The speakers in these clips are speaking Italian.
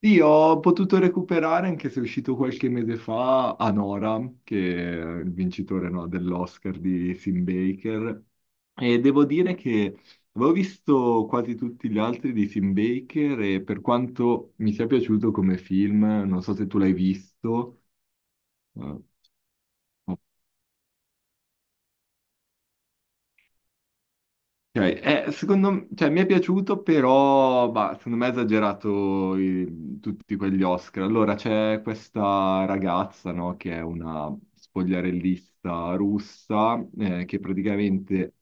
Sì, ho potuto recuperare anche se è uscito qualche mese fa Anora, che è il vincitore, no, dell'Oscar di Sim Baker. E devo dire che avevo visto quasi tutti gli altri di Sim Baker e, per quanto mi sia piaciuto come film, non so se tu l'hai visto. eh, Cioè, cioè, mi è piaciuto, però, bah, secondo me ha esagerato, tutti quegli Oscar. Allora, c'è questa ragazza, no, che è una spogliarellista russa, che praticamente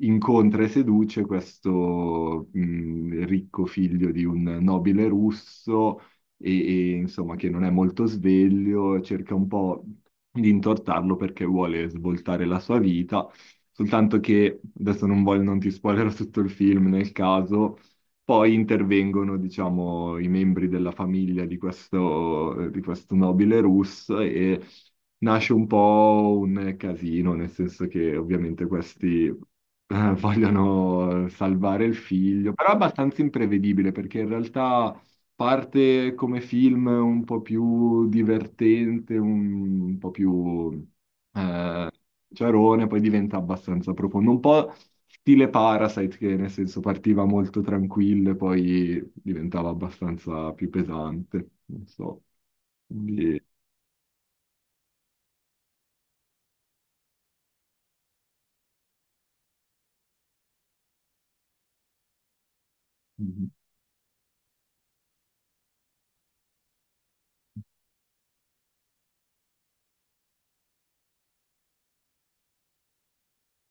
incontra e seduce questo ricco figlio di un nobile russo e, insomma, che non è molto sveglio, cerca un po' di intortarlo perché vuole svoltare la sua vita. Soltanto che adesso non voglio, non ti spoilerò tutto il film nel caso. Poi intervengono, diciamo, i membri della famiglia di questo, nobile russo e nasce un po' un casino, nel senso che ovviamente questi vogliono salvare il figlio, però è abbastanza imprevedibile perché in realtà parte come film un po' più divertente, un po' più eh, ciarone, poi diventa abbastanza profondo, un po' stile Parasite, che nel senso partiva molto tranquillo e poi diventava abbastanza più pesante, non so. Quindi, mhm,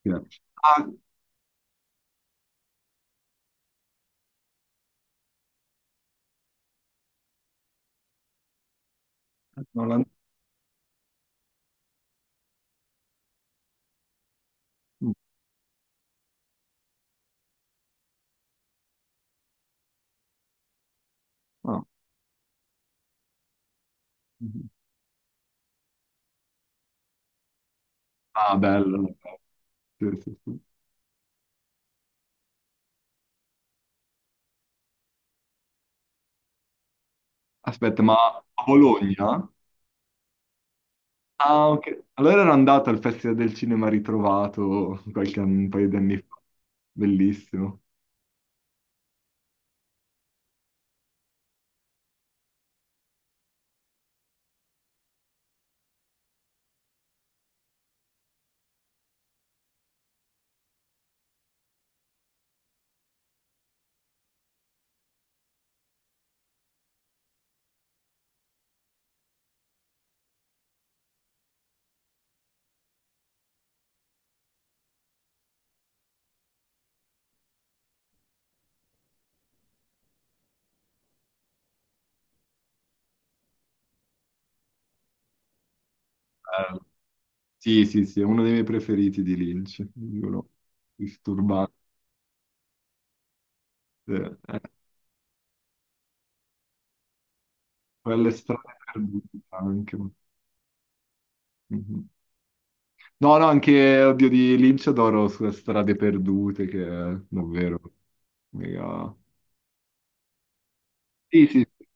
sì. Ah, Nolan- mm, ah, mhm. Ah, bello. Bello. Sì, sì, sì. Aspetta, ma a Bologna? Ah, ok. Allora ero andato al Festival del Cinema Ritrovato un paio di anni fa. Bellissimo. Bello. Sì, sì, sì, è uno dei miei preferiti di Lynch. Giuro. Disturbante. Eh, quelle strade perdute anche. Mhm. No, no, anche, oddio, di Lynch adoro sulle strade perdute, che è davvero mega. Sì, sì, sì.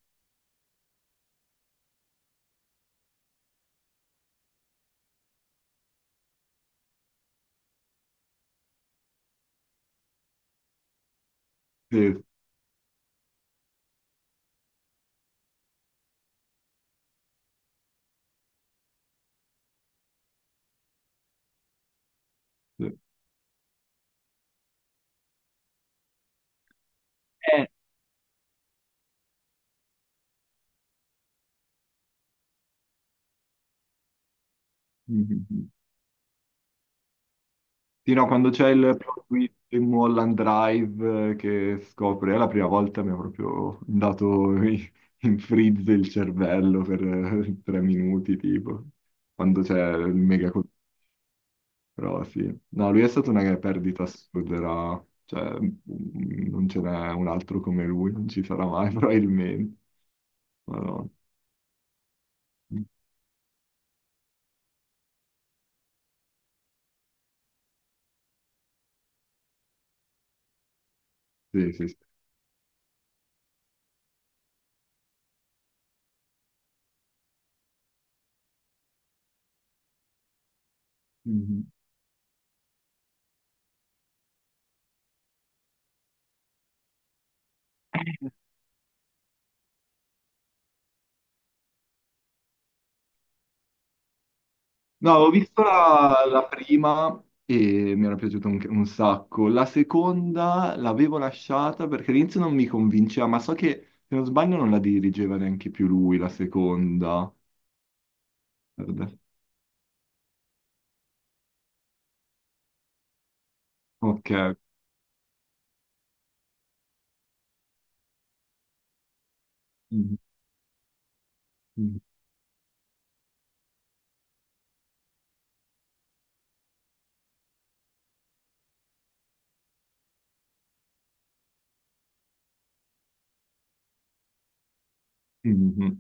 Sì, sì. Eh. Mhm. Sì, no, quando c'è il plot twist in Mulholland Drive, che scopre, è la prima volta mi ha proprio dato in freeze il cervello per tre minuti, tipo, quando c'è il mega colpo. Però sì, no, lui è stata una perdita assurda, cioè, non ce n'è un altro come lui, non ci sarà mai probabilmente. Madonna. Sì, sì, sì. No, ho visto la prima e mi era piaciuta un sacco. La seconda l'avevo lasciata perché all'inizio non mi convinceva, ma so che, se non sbaglio, non la dirigeva neanche più lui, la seconda. Guarda. Ok. Mhm. Mhm. Mhm.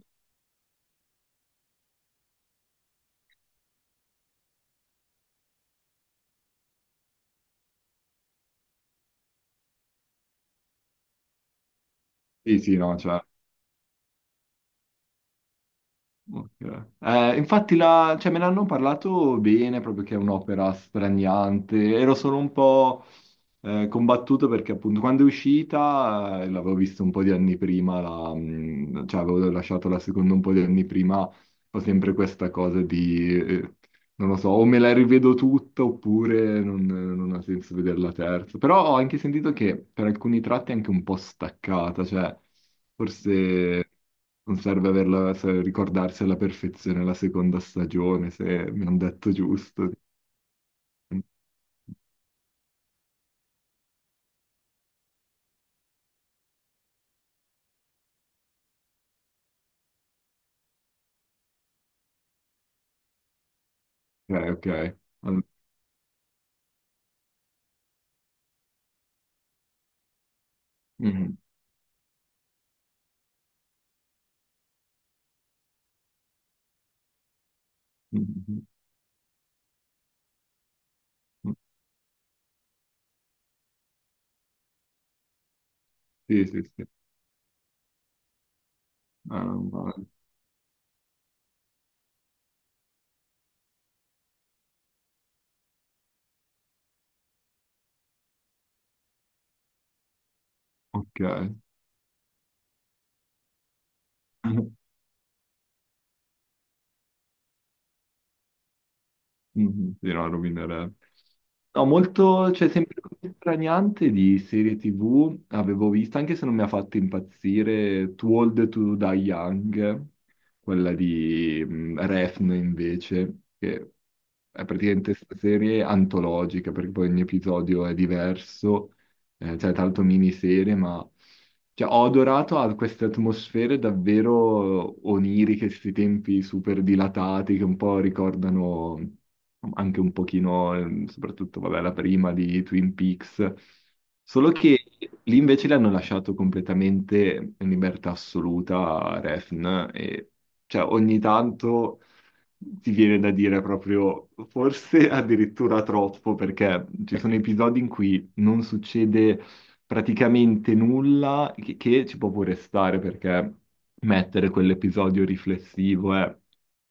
Sì, sì, no, cioè. Ok. Infatti, cioè, me ne hanno parlato bene, proprio che è un'opera straniante. Ero solo un po' combattuto perché, appunto, quando è uscita l'avevo vista un po' di anni prima, cioè avevo lasciato la seconda un po' di anni prima, ho sempre questa cosa di, non lo so, o me la rivedo tutta oppure non ha senso vederla terza. Però ho anche sentito che per alcuni tratti è anche un po' staccata, cioè forse non serve averla, ricordarsi alla perfezione la seconda stagione, se mi hanno detto giusto. Ok, ok. Mhm, mhm, mhm. Sì, sì, sì. Ah, no, male. Ok. Mhm. Sì, no, rovinerebbe. No, molto, cioè sempre così straniante di serie TV avevo visto, anche se non mi ha fatto impazzire, Too Old to Die Young, quella di Refn invece, che è praticamente questa serie antologica, perché poi ogni episodio è diverso, cioè tanto miniserie, ma cioè, ho adorato a queste atmosfere davvero oniriche, questi tempi super dilatati che un po' ricordano anche un pochino, soprattutto, vabbè, la prima di Twin Peaks, solo che lì invece le hanno lasciato completamente in libertà assoluta a Refn e cioè ogni tanto ti viene da dire proprio forse addirittura troppo, perché ci sono episodi in cui non succede praticamente nulla, che ci può pure stare, perché mettere quell'episodio riflessivo è.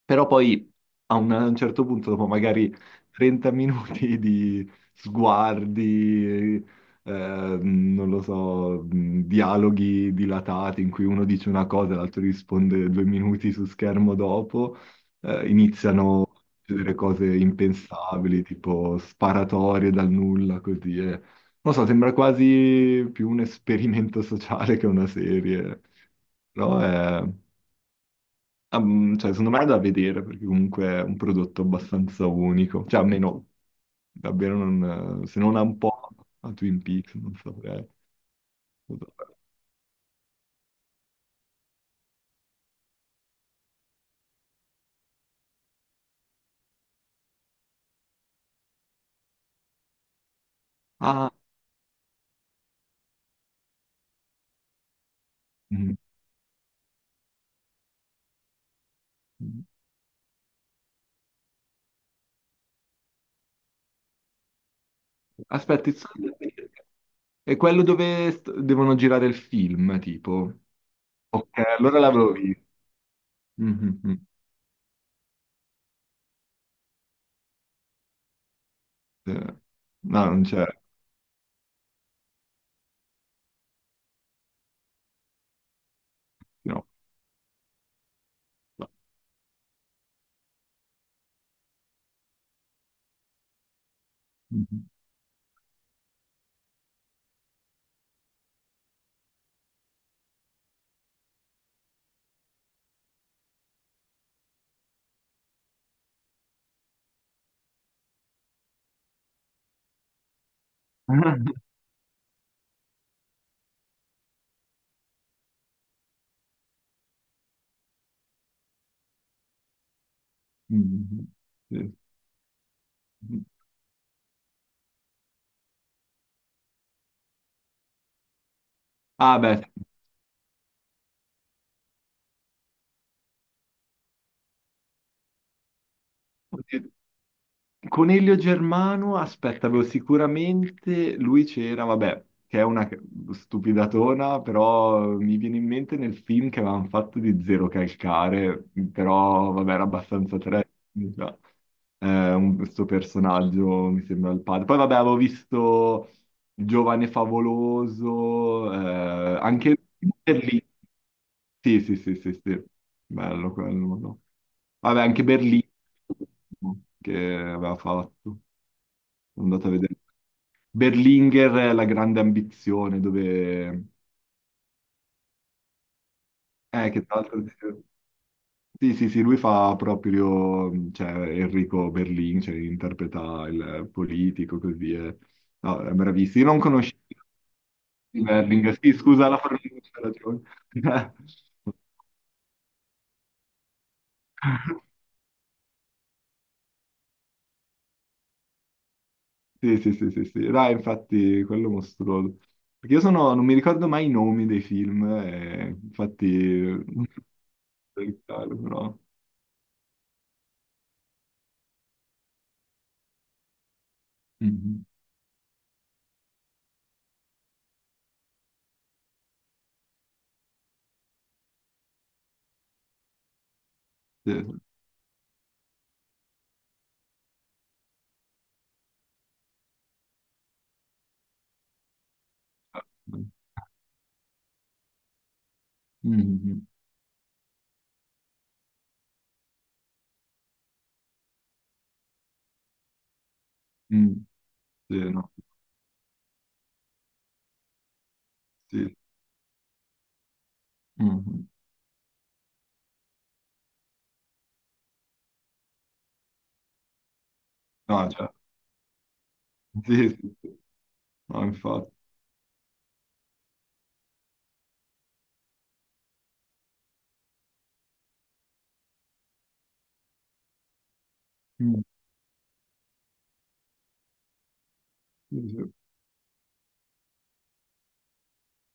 Però poi a un certo punto, dopo magari 30 minuti di sguardi, non lo so, dialoghi dilatati in cui uno dice una cosa e l'altro risponde due minuti su schermo dopo, iniziano a succedere cose impensabili, tipo sparatorie dal nulla, così. E, non lo so, sembra quasi più un esperimento sociale che una serie, però è, cioè, secondo me è da vedere, perché comunque è un prodotto abbastanza unico, cioè almeno davvero non, se non ha un po' a Twin Peaks, non saprei. Ah, mm. Aspetta, è quello dove devono girare il film, tipo. Ok, allora l'avevo visto. Mhm, mhm. Eh, no, non c'è. Sì, no. No. Mhm. Mhm. Sì. Sì. Ah, beh, sì. Coniglio Germano, aspetta, avevo sicuramente lui c'era, vabbè, che è una stupidatona, però mi viene in mente nel film che avevano fatto di Zero Calcare, però vabbè, era abbastanza trash, già. Questo personaggio mi sembra il padre. Poi vabbè, avevo visto Giovane Favoloso, anche lì. Sì, sì, sì, sì, sì, bello quello, no? Vabbè, anche Berlino che aveva fatto, sono andato a vedere. Berlinguer, La grande ambizione, dove. Che tra l'altro. Sì, sì, sì, lui fa proprio, cioè, Enrico Berlin, cioè, interpreta il politico, così, eh. No, è bravissimo. Io non conoscevo Berlinguer, sì, scusa la formazione, ragione. Sì, sì, sì, sì, sì. Là, infatti, quello mostruoso. Perché io sono, non mi ricordo mai i nomi dei film, infatti. Però. Mhm. Sì, sì. Mhm. Mm. Sì, no, sì. Mhm. No, cioè, sì, sì. No, infatti. Mm. Sì, sì.